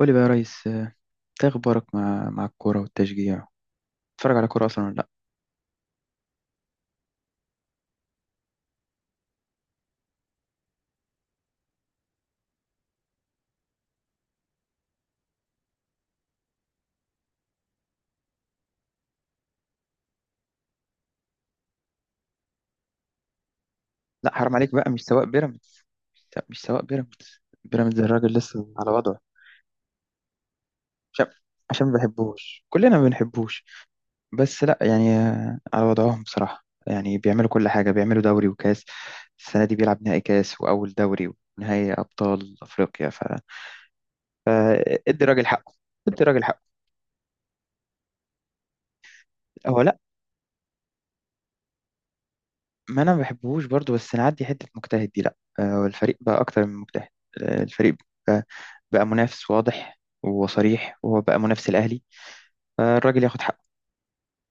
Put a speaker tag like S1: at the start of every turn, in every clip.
S1: قولي بقى يا ريس، إنت ايه اخبارك مع الكوره والتشجيع؟ بتتفرج على كوره اصلا ولا لا؟ لا حرام عليك بقى، مش سواق بيراميدز. لا مش سواق بيراميدز، بيراميدز الراجل لسه على وضعه. عشان عشان ما بحبوش كلنا ما بنحبوش. بس لا يعني على وضعهم بصراحه، يعني بيعملوا كل حاجه، بيعملوا دوري وكاس. السنه دي بيلعب نهائي كاس واول دوري ونهائي ابطال افريقيا. ف فادي الراجل حقه، ادي الراجل حقه. هو لا، ما انا ما بحبهوش برضو، بس نعدي حته مجتهد دي، لا الفريق بقى اكتر من مجتهد. الفريق بقى, بقى منافس واضح وصريح، وهو بقى منافس الاهلي. فالراجل ياخد حقه،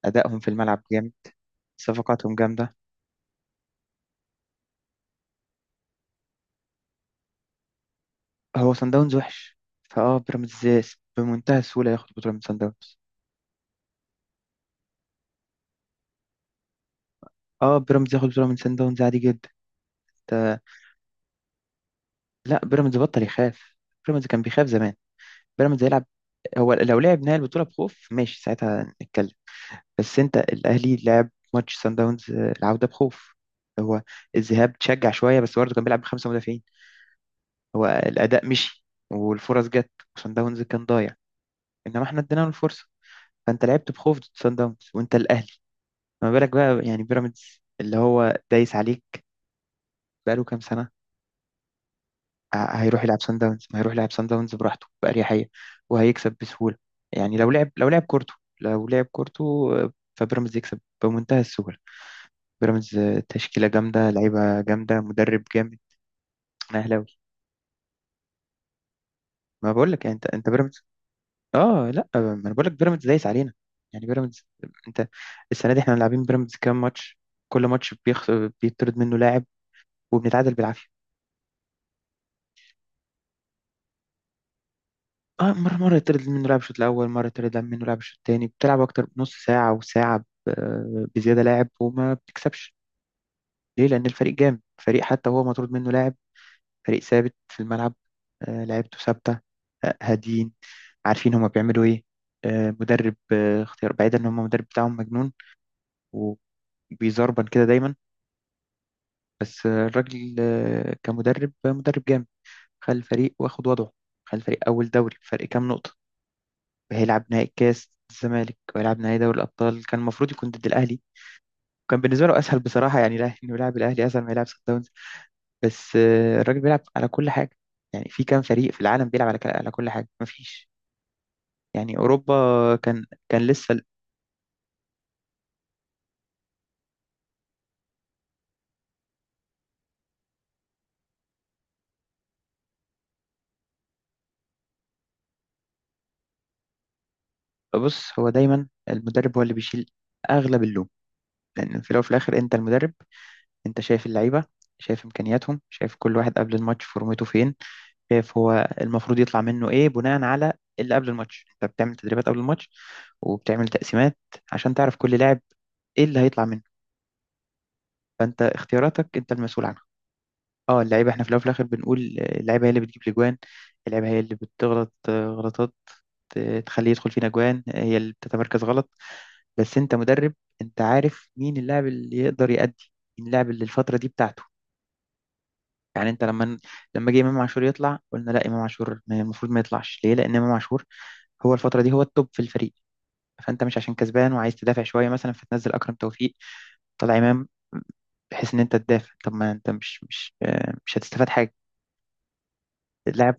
S1: ادائهم في الملعب جامد، صفقاتهم جامده. هو سان داونز وحش، فاه بيراميدز بمنتهى السهوله ياخد بطوله من سان داونز. اه بيراميدز ياخد بطوله من سان داونز عادي جدا. ده لا، بيراميدز بطل يخاف، بيراميدز كان بيخاف زمان، بيراميدز يلعب. هو لو لعب نهائي البطوله بخوف ماشي، ساعتها نتكلم. بس انت الاهلي لعب ماتش سان داونز العوده بخوف. هو الذهاب تشجع شويه، بس برضه كان بيلعب بخمسه مدافعين. هو الاداء مشي والفرص جت، وسان داونز كان ضايع، انما احنا ادينا له الفرصه. فانت لعبت بخوف ضد سان داونز وانت الاهلي، ما بالك بقى يعني بيراميدز اللي هو دايس عليك بقاله كام سنه؟ هيروح يلعب سان داونز، ما هيروح يلعب سان داونز براحته باريحيه وهيكسب بسهوله. يعني لو لعب كورته، لو لعب كورته، فبيراميدز يكسب بمنتهى السهوله. بيراميدز تشكيلة جامدة، لعيبة جامدة، مدرب جامد. أنا أهلاوي. ما بقول لك يعني أنت بيراميدز. آه لا، ما أنا بقول لك بيراميدز دايس علينا، يعني بيراميدز. أنت السنة دي إحنا لاعبين بيراميدز كام ماتش؟ كل ماتش بيطرد منه لاعب وبنتعادل بالعافية. آه مرة يطرد منه لاعب الشوط الأول، مرة يطرد منه لاعب الشوط التاني، بتلعب أكتر من نص ساعة وساعة بزيادة لاعب وما بتكسبش. ليه؟ لأن الفريق جامد، فريق حتى هو مطرود منه لاعب، فريق ثابت في الملعب. لعيبته ثابتة، هاديين، عارفين هما بيعملوا ايه. مدرب اختيار، بعيدا ان هما المدرب بتاعهم مجنون وبيزربن كده دايما، بس الراجل كمدرب مدرب جامد، خلى الفريق واخد وضعه، خلى الفريق اول دوري فرق كام نقطة. هيلعب نهائي كاس الزمالك وهيلعب نهائي دوري الابطال، كان المفروض يكون ضد الاهلي. كان بالنسبة له اسهل بصراحة، يعني الاهلي، انه يلعب الاهلي اسهل ما يلعب سان داونز. بس الراجل بيلعب على كل حاجة. يعني في كام فريق في العالم بيلعب على كل حاجة؟ مفيش. يعني اوروبا كان لسه. بص، هو دايما المدرب هو اللي بيشيل اغلب اللوم، لان في الاول وفي الاخر انت المدرب، انت شايف اللعيبه، شايف امكانياتهم، شايف كل واحد قبل الماتش فورمته فين، شايف هو المفروض يطلع منه ايه بناء على اللي قبل الماتش. انت بتعمل تدريبات قبل الماتش وبتعمل تقسيمات عشان تعرف كل لاعب ايه اللي هيطلع منه. فانت اختياراتك انت المسؤول عنها. اه اللعيبه احنا في الاول وفي الاخر بنقول اللعيبه هي اللي بتجيب الاجوان، اللعيبه هي اللي بتغلط غلطات تخليه يدخل فينا اجوان، هي اللي بتتمركز غلط. بس انت مدرب، انت عارف مين اللاعب اللي يقدر يأدي، مين اللاعب اللي الفترة دي بتاعته. يعني انت لما، لما جه امام عاشور يطلع قلنا لا، امام عاشور المفروض ما يطلعش، ليه؟ لان امام عاشور هو الفترة دي هو التوب في الفريق. فانت مش عشان كسبان وعايز تدافع شوية مثلا فتنزل اكرم توفيق، طلع امام بحيث ان انت تدافع، طب ما انت مش هتستفاد حاجه. اللاعب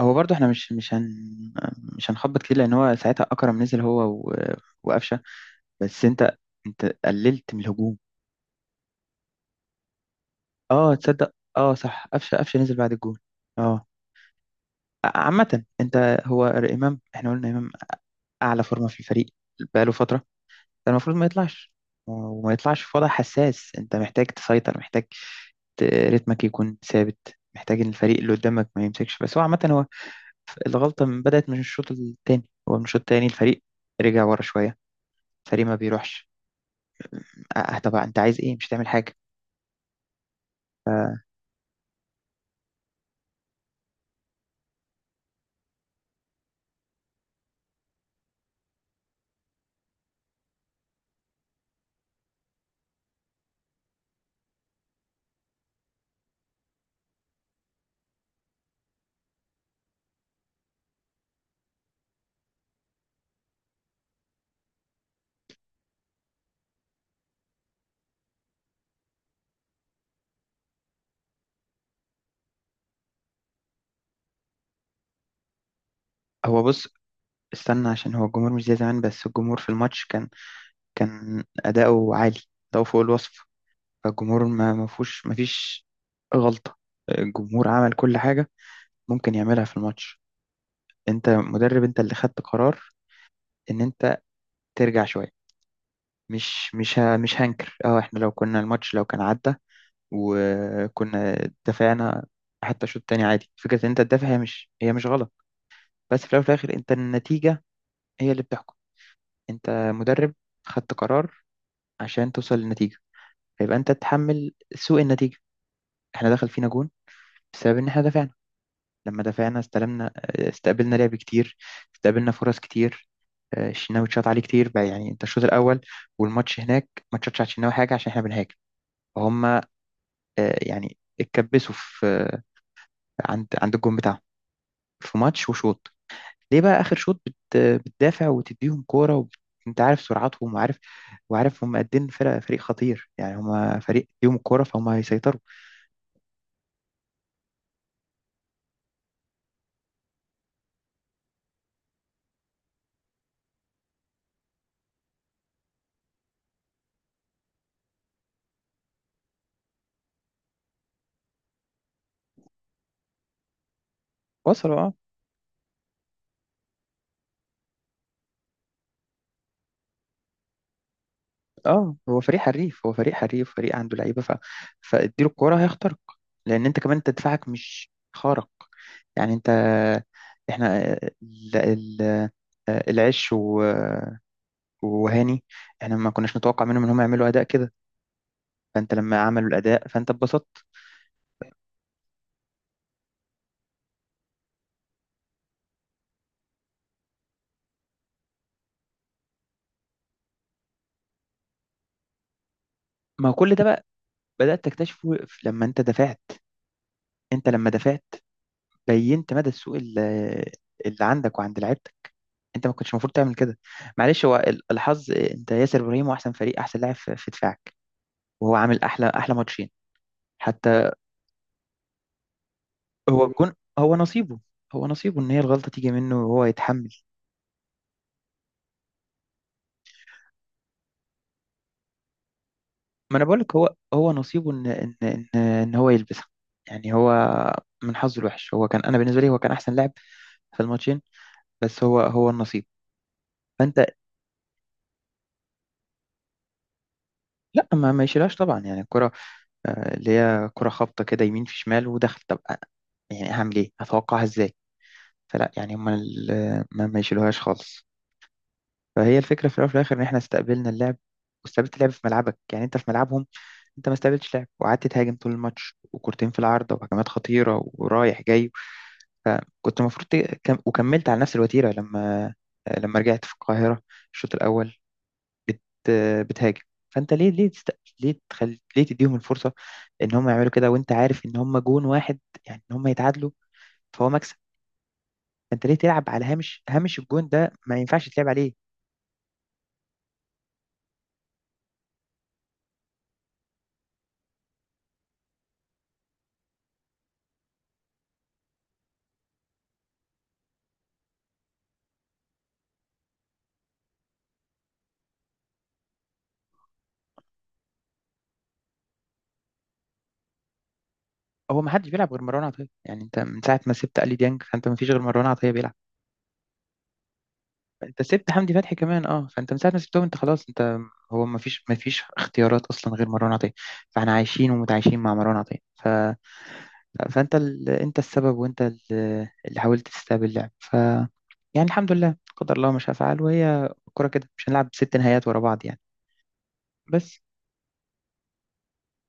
S1: هو برضه احنا مش هنخبط كتير، لان هو ساعتها اكرم نزل هو وقفشه، بس انت، قللت من الهجوم. اه تصدق اه صح، قفشه نزل بعد الجول. اه عامة انت هو امام، احنا قلنا امام اعلى فورمة في الفريق بقاله فترة، ده المفروض ما يطلعش، وما يطلعش في وضع حساس. انت محتاج تسيطر، محتاج رتمك يكون ثابت، محتاج ان الفريق اللي قدامك ما يمسكش، بس هو عامة هو الغلطة بدأت من الشوط التاني. هو من الشوط التاني الفريق رجع ورا شوية، الفريق ما بيروحش. اه طبعا انت عايز ايه؟ مش هتعمل حاجة. هو بص، استنى، عشان هو الجمهور مش زي زمان، بس الجمهور في الماتش كان، كان أداؤه عالي، أداؤه فوق الوصف. فالجمهور ما فيش غلطة، الجمهور عمل كل حاجة ممكن يعملها في الماتش. أنت مدرب، أنت اللي خدت قرار إن أنت ترجع شوية. مش هنكر اه، احنا لو كنا الماتش لو كان عدى وكنا دافعنا حتى شوط تاني عادي، فكرة ان انت تدافع هي مش غلط. بس في الاول وفي الاخر انت النتيجة هي اللي بتحكم. انت مدرب، خدت قرار عشان توصل للنتيجة، فيبقى انت تتحمل سوء النتيجة. احنا دخل فينا جون بسبب ان احنا دافعنا، لما دافعنا استلمنا، استقبلنا لعب كتير، استقبلنا فرص كتير. الشناوي اتشاط عليه كتير بقى، يعني انت الشوط الاول والماتش هناك ما اتشاطش على الشناوي حاجه، عشان احنا بنهاجم. فهم يعني اتكبسوا في عند الجون بتاعهم في ماتش وشوط. ليه بقى اخر شوط بتدافع وتديهم كوره انت عارف سرعتهم، وعارف هم قد ايه، إن فريق خطير، يعني هم فريق ليهم الكوره، فهم هيسيطروا. وصلوا اه. اه هو فريق حريف، فريق عنده لعيبه فاديله الكوره هيخترق، لان انت كمان انت دفاعك مش خارق. يعني انت، احنا ال... ال... العش وهاني، احنا ما كناش نتوقع منهم ان هم يعملوا اداء كده، فانت لما عملوا الاداء فانت اتبسطت. ما هو كل ده بقى بدات تكتشفه لما انت دفعت. انت لما دفعت بينت مدى السوء اللي عندك وعند لعيبتك. انت ما كنتش المفروض تعمل كده. معلش، هو الحظ، انت ياسر ابراهيم هو احسن فريق احسن لاعب في دفاعك، وهو عامل احلى ماتشين حتى. هو الجون هو نصيبه، هو نصيبه ان هي الغلطه تيجي منه وهو يتحمل. ما انا بقولك هو هو نصيبه ان هو يلبسها. يعني هو من حظه الوحش، هو كان، انا بالنسبه لي هو كان احسن لاعب في الماتشين، بس هو هو النصيب. فانت لا، ما ما يشيلهاش طبعا، يعني الكره اللي هي كره خابطه كده يمين في شمال ودخل، طب يعني هعمل ايه؟ اتوقعها ازاي؟ فلا يعني هم ما ما يشيلوهاش خالص. فهي الفكره في الاول وفي الاخر ان احنا استقبلنا اللعب، واستقبلت اللعب في ملعبك، يعني انت في ملعبهم انت ما استقبلتش لعب، وقعدت تهاجم طول الماتش، وكورتين في العارضه وهجمات خطيره ورايح جاي. كنت المفروض وكملت على نفس الوتيره. لما، لما رجعت في القاهره الشوط الاول بت... بتهاجم. فانت ليه، ليه تديهم الفرصه ان هم يعملوا كده، وانت عارف ان هم جون واحد، يعني ان هم يتعادلوا فهو مكسب. فانت ليه تلعب على هامش الجون ده؟ ما ينفعش تلعب عليه. هو ما حدش بيلعب غير مروان عطيه، يعني انت من ساعه ما سبت علي ديانج فانت ما فيش غير مروان عطيه بيلعب. انت سبت حمدي فتحي كمان اه، فانت من ساعه ما سبتهم انت خلاص انت، هو ما فيش اختيارات اصلا غير مروان عطيه، فاحنا عايشين ومتعايشين مع مروان عطيه فانت انت السبب، وانت اللي حاولت تستقبل اللعب. ف يعني الحمد لله قدر الله ما شاء فعل، وهي الكوره كده، مش هنلعب ست نهايات ورا بعض يعني. بس